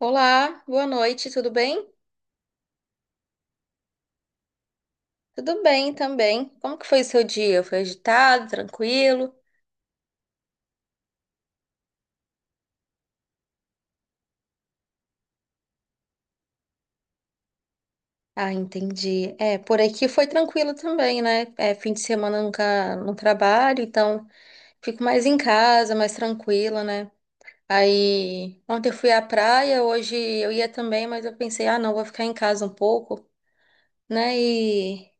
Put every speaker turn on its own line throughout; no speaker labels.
Olá, boa noite, tudo bem? Tudo bem também. Como que foi o seu dia? Foi agitado, tranquilo? Ah, entendi. É, por aqui foi tranquilo também, né? É, fim de semana eu nunca não trabalho, então fico mais em casa, mais tranquila, né? Aí ontem eu fui à praia, hoje eu ia também, mas eu pensei, ah, não, vou ficar em casa um pouco, né? E,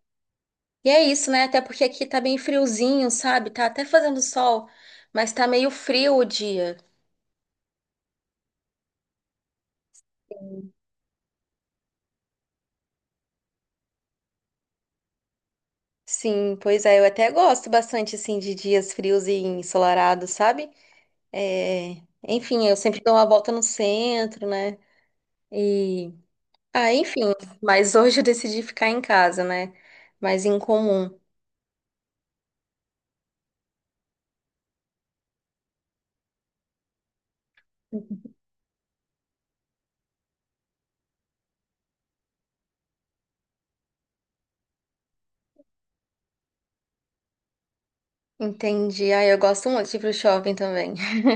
e é isso, né? Até porque aqui tá bem friozinho, sabe? Tá até fazendo sol, mas tá meio frio o dia. Sim, pois é, eu até gosto bastante assim de dias frios e ensolarados, sabe? É, enfim, eu sempre dou uma volta no centro, né? E ah, enfim, mas hoje eu decidi ficar em casa, né? Mas em comum. Entendi. Ah, eu gosto muito de ir pro shopping também.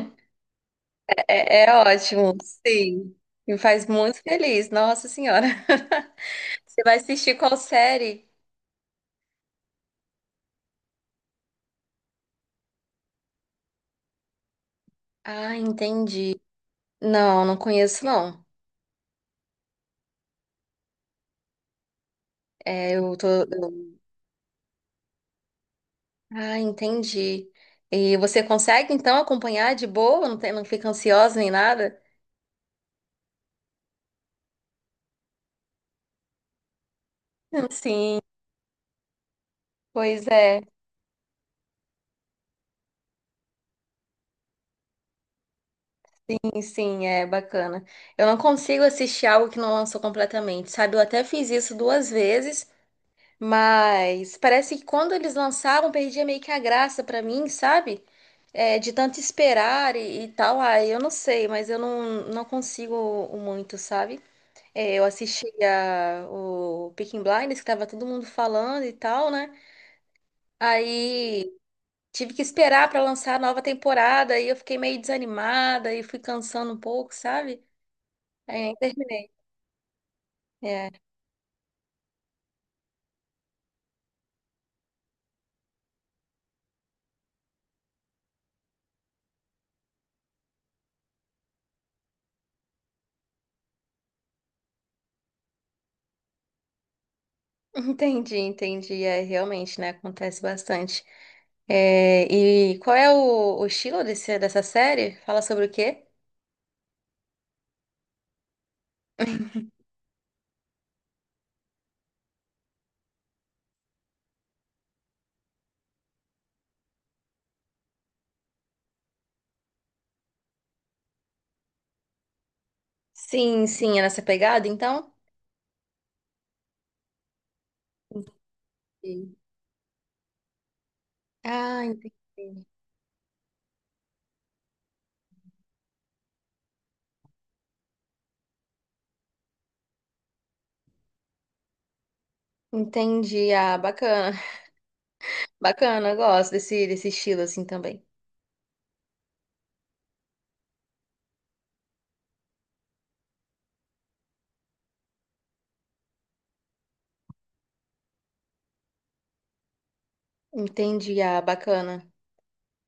É, é ótimo, sim. Me faz muito feliz, nossa senhora. Você vai assistir qual série? Ah, entendi. Não, não conheço, não. É, eu tô. Ah, entendi. E você consegue então acompanhar de boa? Não tem, não fica ansiosa nem nada? Sim, pois é. Sim, sim, é bacana. Eu não consigo assistir algo que não lançou completamente, sabe? Eu até fiz isso duas vezes, mas parece que quando eles lançaram, perdia meio que a graça pra mim, sabe? É, de tanto esperar e tal. Ah, eu não sei, mas eu não, não consigo muito, sabe? É, eu assistia o Peaky Blinders, que tava todo mundo falando e tal, né? Aí tive que esperar pra lançar a nova temporada, aí eu fiquei meio desanimada e fui cansando um pouco, sabe? Aí nem terminei. É, entendi, entendi. É, realmente, né? Acontece bastante. É, e qual é o estilo dessa série? Fala sobre o quê? Sim, sim, é nessa pegada, então? Sim. Ah, entendi. Entendi. Ah, bacana. Bacana, eu gosto desse, desse estilo assim também. Entendi, ah, bacana,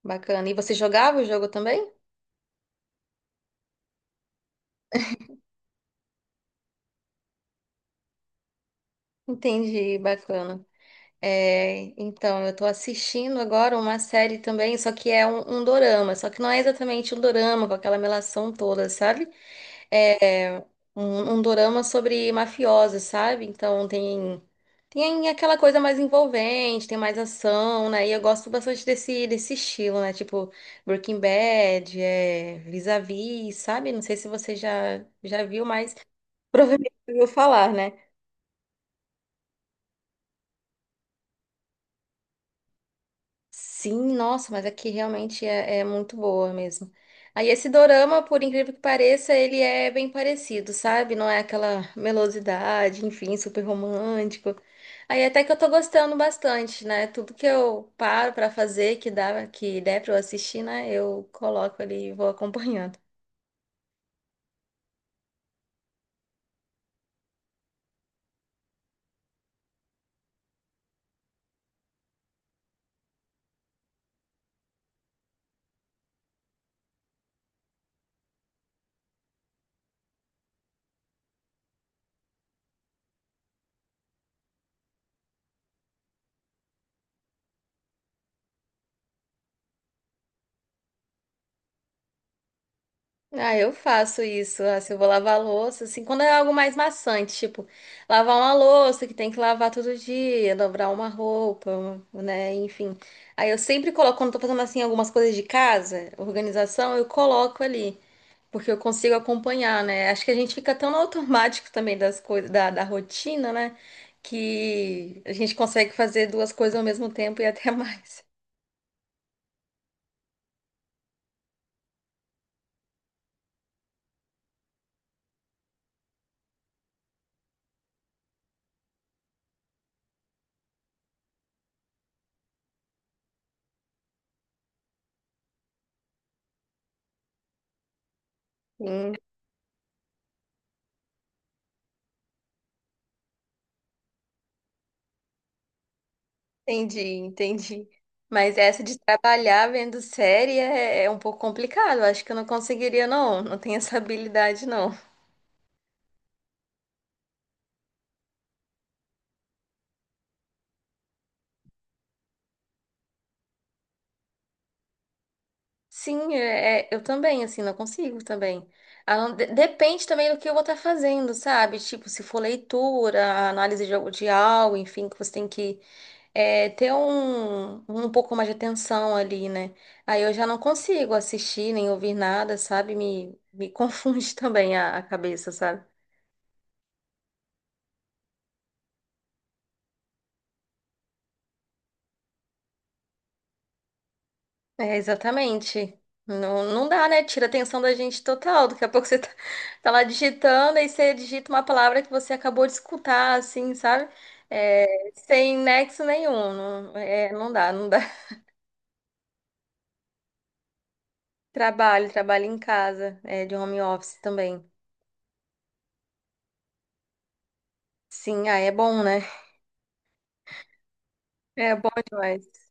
bacana. E você jogava o jogo também? Entendi, bacana. É, então, eu tô assistindo agora uma série também, só que é um dorama, só que não é exatamente um dorama com aquela melação toda, sabe? É, um dorama sobre mafiosos, sabe? Então tem aquela coisa mais envolvente, tem mais ação, né? E eu gosto bastante desse estilo, né? Tipo Breaking Bad, é, Vis-a-Vis, sabe? Não sei se você já viu, mas provavelmente ouviu falar, né? Sim, nossa, mas aqui realmente é, é muito boa mesmo. Aí esse dorama, por incrível que pareça, ele é bem parecido, sabe? Não é aquela melosidade, enfim, super romântico. Aí até que eu tô gostando bastante, né? Tudo que eu paro pra fazer, que dá, que der pra eu assistir, né? Eu coloco ali e vou acompanhando. Ah, eu faço isso. Ah, se eu vou lavar a louça, assim, quando é algo mais maçante, tipo, lavar uma louça que tem que lavar todo dia, dobrar uma roupa, um- né? Enfim. Aí eu sempre coloco, quando eu tô fazendo assim algumas coisas de casa, organização, eu coloco ali, porque eu consigo acompanhar, né? Acho que a gente fica tão no automático também das coisas, da rotina, né? Que a gente consegue fazer duas coisas ao mesmo tempo e até mais. Entendi, entendi. Mas essa de trabalhar vendo série é um pouco complicado. Eu acho que eu não conseguiria, não. Não tenho essa habilidade, não. Sim, é, é, eu também, assim, não consigo também. Ah, não- de- depende também do que eu vou estar fazendo, sabe? Tipo, se for leitura, análise de algo, enfim, que você tem que é, ter um pouco mais de atenção ali, né? Aí eu já não consigo assistir nem ouvir nada, sabe? Me confunde também a cabeça, sabe? É, exatamente. Não, não dá, né? Tira a atenção da gente total. Daqui a pouco você tá, tá lá digitando, aí você digita uma palavra que você acabou de escutar, assim, sabe? É, sem nexo nenhum. Não, é, não dá, não dá. Trabalho, trabalho em casa, é, de home office também. Sim, ah, é bom, né? É bom demais.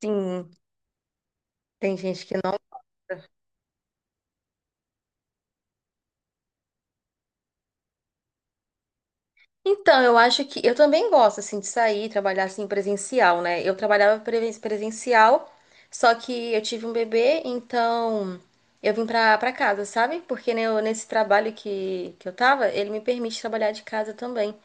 Sim, tem gente que então, eu acho que eu também gosto assim de sair, trabalhar assim presencial, né? Eu trabalhava preve- presencial, só que eu tive um bebê, então eu vim pra, pra casa, sabe? Porque né, eu- nesse trabalho que eu tava, ele me permite trabalhar de casa também.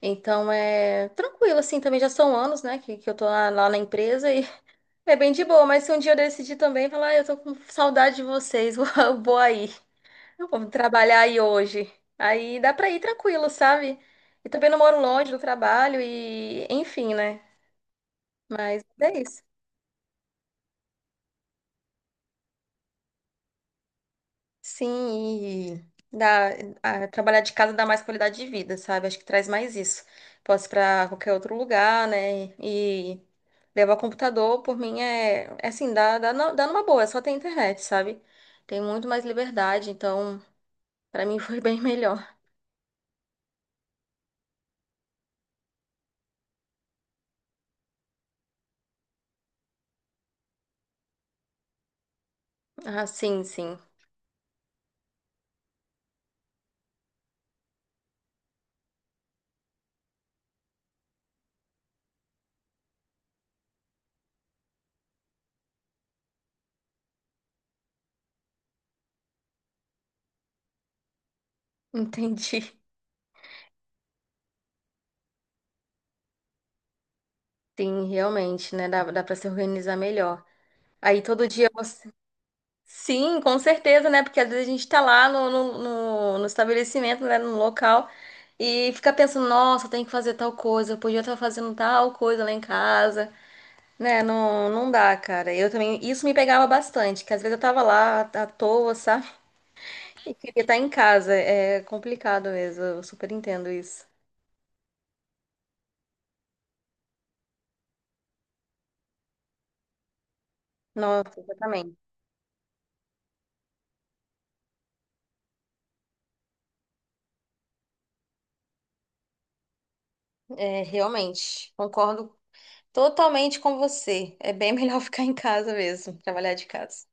Então é tranquilo, assim, também já são anos, né, que eu tô lá, lá na empresa e é bem de boa, mas se um dia eu decidir também falar, ah, eu tô com saudade de vocês, vou, vou aí vou trabalhar aí hoje. Aí dá pra ir tranquilo, sabe? E também não moro longe do trabalho e, enfim, né? Mas é isso. Sim, e dá, a- trabalhar de casa dá mais qualidade de vida, sabe? Acho que traz mais isso. Posso ir pra qualquer outro lugar, né? E levar o computador, por mim, é, é assim, dá, dá, nu- dá numa boa, é só ter internet, sabe? Tem muito mais liberdade, então, pra mim foi bem melhor. Ah, sim, sim. Entendi. Sim, realmente, né? Dá, dá para se organizar melhor. Aí todo dia você. Sim, com certeza, né? Porque às vezes a gente tá lá no estabelecimento, né? No local, e fica pensando, nossa, tem que fazer tal coisa, eu podia estar fazendo tal coisa lá em casa. Né, não, não dá, cara. Eu também. Isso me pegava bastante, que às vezes eu tava lá à toa, sabe? Queria estar em casa. É é complicado mesmo. Eu super entendo isso. Nossa, exatamente. É, realmente. Concordo totalmente com você. É bem melhor ficar em casa mesmo, trabalhar de casa.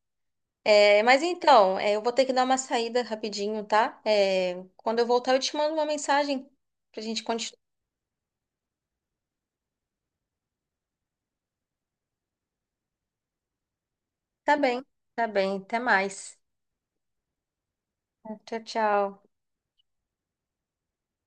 É, mas então, é, eu vou ter que dar uma saída rapidinho, tá? É, quando eu voltar, eu te mando uma mensagem pra gente continuar. Tá bem, tá bem. Até mais. Tchau, tchau.